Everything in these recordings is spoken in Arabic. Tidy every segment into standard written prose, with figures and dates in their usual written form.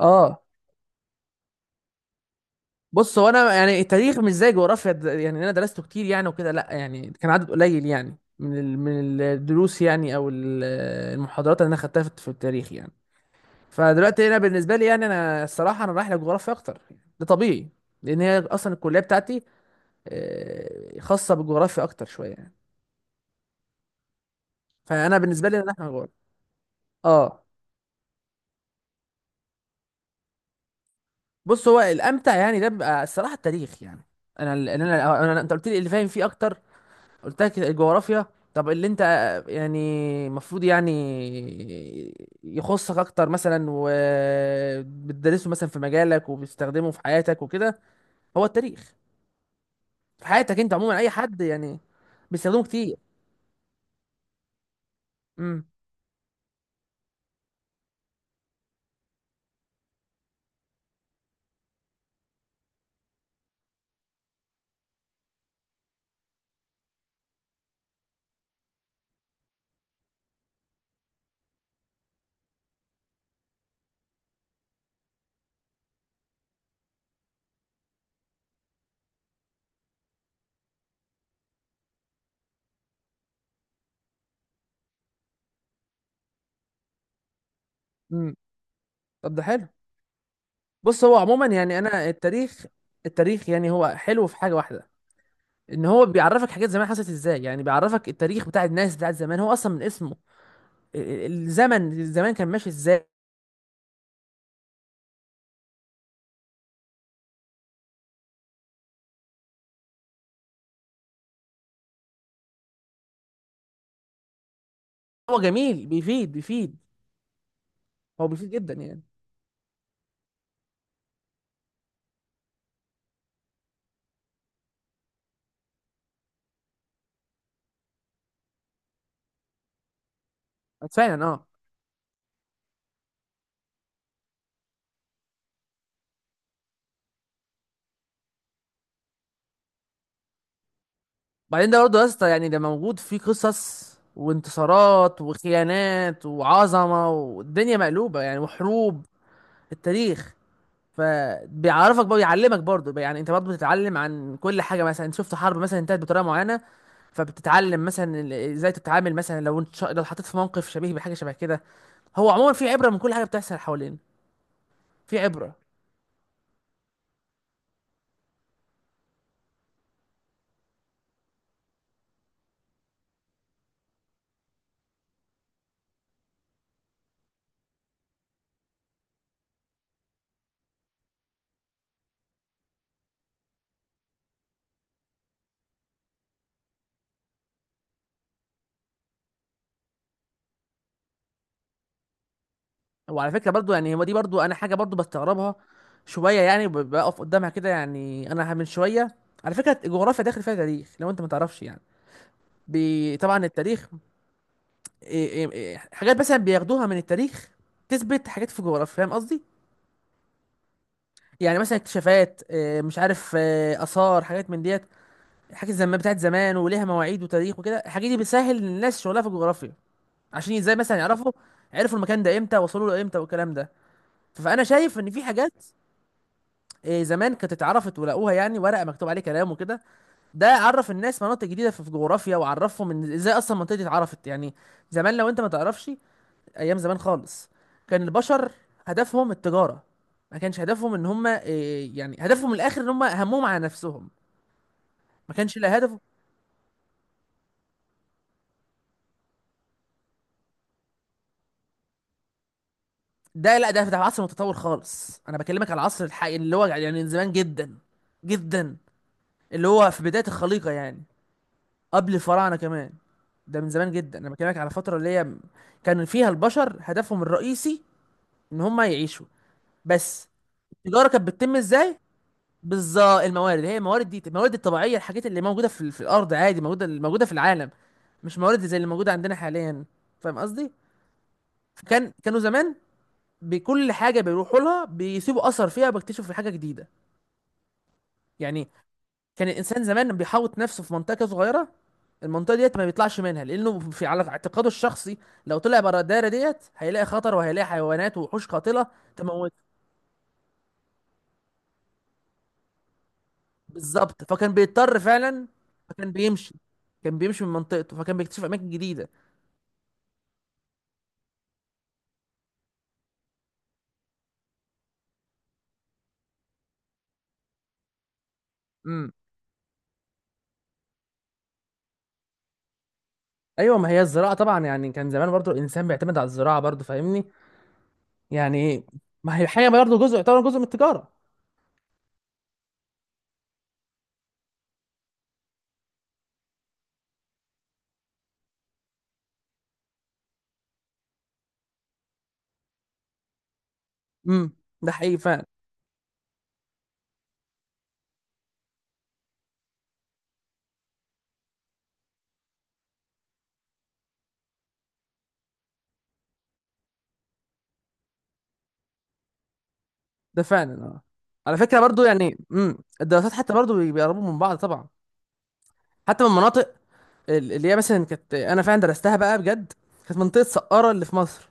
اه، بص هو انا يعني التاريخ مش زي جغرافيا يعني انا درسته كتير يعني وكده، لا يعني كان عدد قليل يعني من الدروس يعني، المحاضرات اللي انا خدتها في التاريخ يعني. فدلوقتي انا بالنسبه لي يعني، انا الصراحه انا رايح للجغرافيا اكتر يعني، ده طبيعي لان هي اصلا الكليه بتاعتي. آه، خاصه بالجغرافيا اكتر شويه يعني. فانا بالنسبه لي انا رايح للجغرافيا. اه. بص هو الامتع يعني ده بيبقى الصراحه التاريخ يعني. انا ال- انا أنا- أنا- انت قلت لي اللي فاهم فيه اكتر، قلت لك الجغرافيا. طب اللي انت يعني المفروض يعني يخصك اكتر مثلا وبتدرسه مثلا في مجالك وبتستخدمه في حياتك وكده، هو التاريخ. في حياتك انت عموما اي حد يعني بيستخدمه كتير. امم امم. طب ده حلو. بص هو عموما يعني انا التاريخ، التاريخ يعني هو حلو في حاجه واحده، ان هو بيعرفك حاجات زمان حصلت ازاي، يعني بيعرفك التاريخ بتاع الناس بتاع زمان، هو اصلا من اسمه ال- الزمن، الزمان كان ماشي ازاي. هو جميل، بيفيد بيفيد، هو بيفيد جدا يعني. فعلا، اه. بعدين ده برضه يا اسطى، يعني ده موجود فيه قصص وانتصارات وخيانات وعظمه والدنيا مقلوبه يعني، وحروب، التاريخ. فبيعرفك بقى، بيعلمك برضه يعني، انت برضه بتتعلم عن كل حاجه، مثلا انت شفت حرب مثلا انتهت بطريقه معينه، فبتتعلم مثلا ازاي تتعامل مثلا لو انت لو اتحطيت في موقف شبيه بحاجه شبه كده. هو عموما في عبره من كل حاجه بتحصل حوالينا. في عبره. وعلى فكره برضو يعني، هو دي برضو انا حاجه برضو بستغربها شويه يعني، بقف قدامها كده يعني، انا من شويه. على فكره الجغرافيا داخل فيها تاريخ لو انت ما تعرفش يعني. طبعا التاريخ. إيه- إيه- إيه، حاجات مثلا بياخدوها من التاريخ تثبت حاجات في الجغرافيا، فاهم قصدي؟ يعني مثلا اكتشافات إيه، مش عارف إيه، اثار، حاجات من ديت، حاجات زمان بتاعت زمان وليها مواعيد وتاريخ وكده، الحاجات دي بتسهل للناس شغلها في الجغرافيا، عشان ازاي مثلا يعرفوا، عرفوا المكان ده امتى، وصلوا له امتى، والكلام ده. فانا شايف ان في حاجات إيه، زمان كانت اتعرفت ولقوها يعني ورقه مكتوب عليه كلام وكده، ده عرف الناس مناطق جديده في في جغرافيا، وعرفهم ان ازاي اصلا المنطقه دي اتعرفت يعني. زمان لو انت ما تعرفش، ايام زمان خالص، كان البشر هدفهم التجاره، ما كانش هدفهم ان هم إيه يعني، هدفهم الاخر ان هم همهم على نفسهم، ما كانش لا هدف. ده لا، ده ده عصر متطور خالص، انا بكلمك على العصر الحقيقي اللي هو يعني من زمان جدا جدا، اللي هو في بدايه الخليقه يعني، قبل الفراعنه كمان. ده من زمان جدا، انا بكلمك على فتره اللي هي كان فيها البشر هدفهم الرئيسي ان هم يعيشوا بس. التجاره كانت بتتم ازاي؟ بالظبط الموارد، هي الموارد دي الموارد الطبيعيه، الحاجات اللي موجوده في الارض عادي، موجوده في العالم، مش موارد زي اللي موجوده عندنا حاليا، فاهم قصدي. فكان كانوا زمان بكل حاجه بيروحوا لها بيسيبوا اثر فيها، بيكتشفوا في حاجه جديده يعني. كان الانسان زمان بيحوط نفسه في منطقه صغيره، المنطقه ديت ما بيطلعش منها لانه في على اعتقاده الشخصي لو طلع بره الدايره ديت هيلاقي خطر وهيلاقي حيوانات ووحوش قاتله تموت. بالظبط، فكان بيضطر فعلا، فكان بيمشي، كان بيمشي من منطقته، فكان بيكتشف اماكن جديده. امم. ايوه ما هي الزراعه طبعا يعني، كان زمان برضو الانسان بيعتمد على الزراعه برضو، فاهمني يعني. ما هي حاجه برضو جزء، يعتبر جزء من التجاره. امم. ده حقيقي فعلا. ده فعلا، اه. على فكره برضو يعني، امم، الدراسات حتى برضو بيقربوا من بعض طبعا، حتى من مناطق اللي هي مثلا كانت انا فعلا درستها بقى بجد، كانت منطقه سقاره اللي في مصر،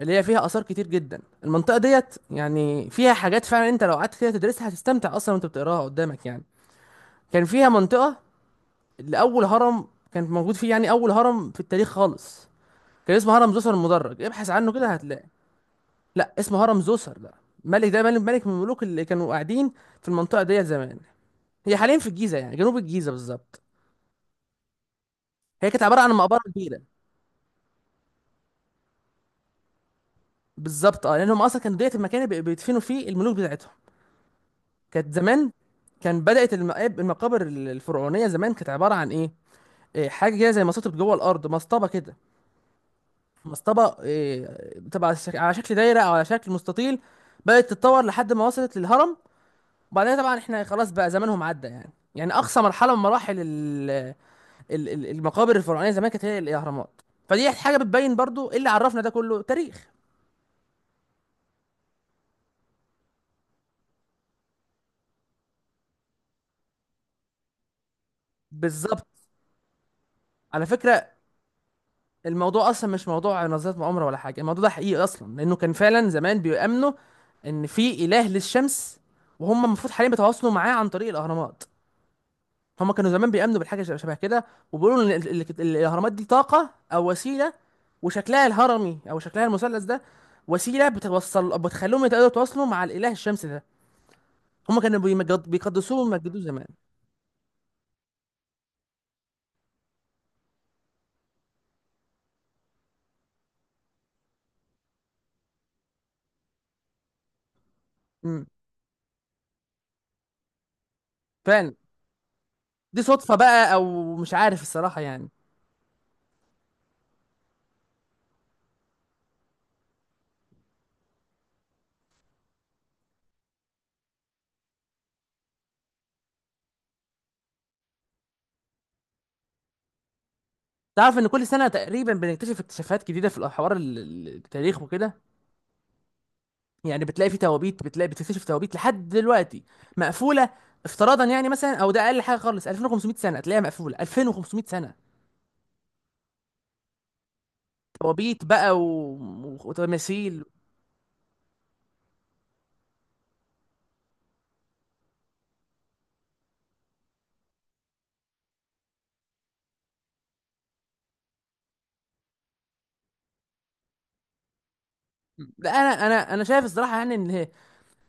اللي هي فيها اثار كتير جدا المنطقه ديت، يعني فيها حاجات فعلا انت لو قعدت كده تدرسها هتستمتع اصلا وانت بتقراها قدامك يعني. كان فيها منطقه اللي اول هرم كان موجود فيه، يعني اول هرم في التاريخ خالص، كان اسمه هرم زوسر المدرج، ابحث عنه كده هتلاقي. لا اسمه هرم زوسر، ده ملك، ده ملك من الملوك اللي كانوا قاعدين في المنطقه ديت زمان. هي حاليا في الجيزه، يعني جنوب الجيزه بالظبط. هي كانت عباره عن مقبره كبيره. بالظبط، اه، لانهم اصلا كانوا ديت المكان اللي بيدفنوا فيه الملوك بتاعتهم. كانت زمان، كان بدات المقابر الفرعونيه زمان كانت عباره عن ايه، إيه، حاجه كده زي مصاطب جوه الارض، مسطبه كده، مسطبه إيه، بتبقى على على شكل دايره او على شكل مستطيل، بدات تتطور لحد ما وصلت للهرم. وبعدين طبعا احنا خلاص بقى زمانهم عدى يعني، يعني اقصى مرحله من مراحل المقابر الفرعونيه زمان كانت هي الاهرامات. فدي حاجه بتبين برضو إيه اللي عرفنا ده كله، تاريخ. بالظبط. على فكره، الموضوع اصلا مش موضوع نظريات مؤامره ولا حاجه، الموضوع ده حقيقي اصلا، لانه كان فعلا زمان بيؤمنوا ان في اله للشمس، وهم المفروض حاليا بيتواصلوا معاه عن طريق الاهرامات. هم كانوا زمان بيؤمنوا بالحاجه شبه كده، وبيقولوا ان الاهرامات دي طاقه او وسيله، وشكلها الهرمي او شكلها المثلث ده وسيله بتوصل، بتخليهم يقدروا يتواصلوا مع الاله الشمس ده. هم كانوا بيقدسوه ويمجدوه زمان. امم. فعلا. دي صدفه بقى او مش عارف الصراحه يعني. تعرف ان كل سنه تقريبا بنكتشف اكتشافات جديده في الحوار التاريخ وكده، يعني بتلاقي في توابيت، بتلاقي بتكتشف توابيت لحد دلوقتي مقفوله، افتراضا يعني مثلا، او ده اقل حاجه خالص 2500 سنه تلاقيها مقفوله 2500 سنه، توابيت بقى وتماثيل. لا انا شايف الصراحه يعني ان،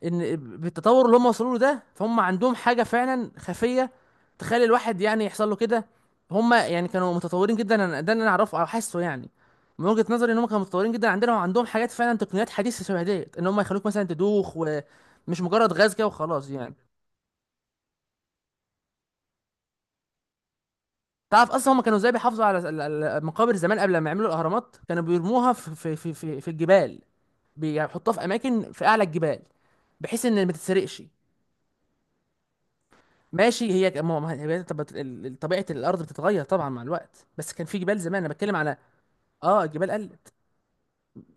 ان بالتطور اللي هم وصلوا له ده فهم عندهم حاجه فعلا خفيه تخلي الواحد يعني يحصل له كده، هم يعني كانوا متطورين جدا، ده اللي انا اعرفه او حاسه يعني. من وجهه نظري ان هم كانوا متطورين جدا، عندنا وعندهم حاجات فعلا تقنيات حديثه شبه ديت، ان هم يخلوك مثلا تدوخ، ومش مجرد غاز كده وخلاص يعني. تعرف اصلا هم كانوا ازاي بيحافظوا على المقابر زمان، قبل ما يعملوا الاهرامات كانوا بيرموها في الجبال، بيحطوها في اماكن في اعلى الجبال بحيث ان ما تتسرقش. ماشي، هي طب طبيعه الارض بتتغير طبعا مع الوقت، بس كان في جبال زمان، انا بتكلم على، اه الجبال قلت،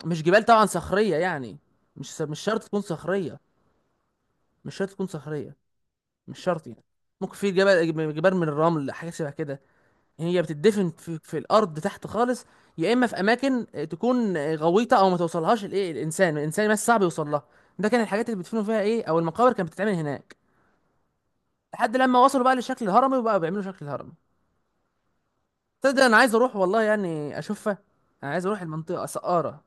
مش جبال طبعا صخريه يعني. مش شرط تكون صخريه، مش شرط تكون صخريه، مش شرط يعني. ممكن في جبال من الرمل، حاجات شبه كده. هي بتدفن في الارض تحت خالص، يا اما في اماكن آه، تكون غويطه، او ما توصلهاش الايه الانسان بس صعب يوصل لها. ده كان الحاجات اللي بيدفنوا فيها ايه، او المقابر كانت بتتعمل هناك، لحد لما وصلوا بقى للشكل الهرمي وبقى بيعملوا شكل الهرم. تصدق انا عايز اروح والله يعني اشوفها. انا عايز اروح المنطقه سقاره.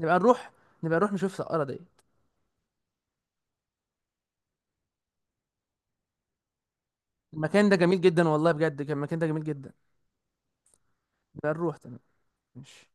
نبقى نروح، نبقى نروح نشوف سقاره دي. المكان ده جميل جدا والله، بجد كان المكان ده جميل جدا. نبقى نروح. تمام، ماشي.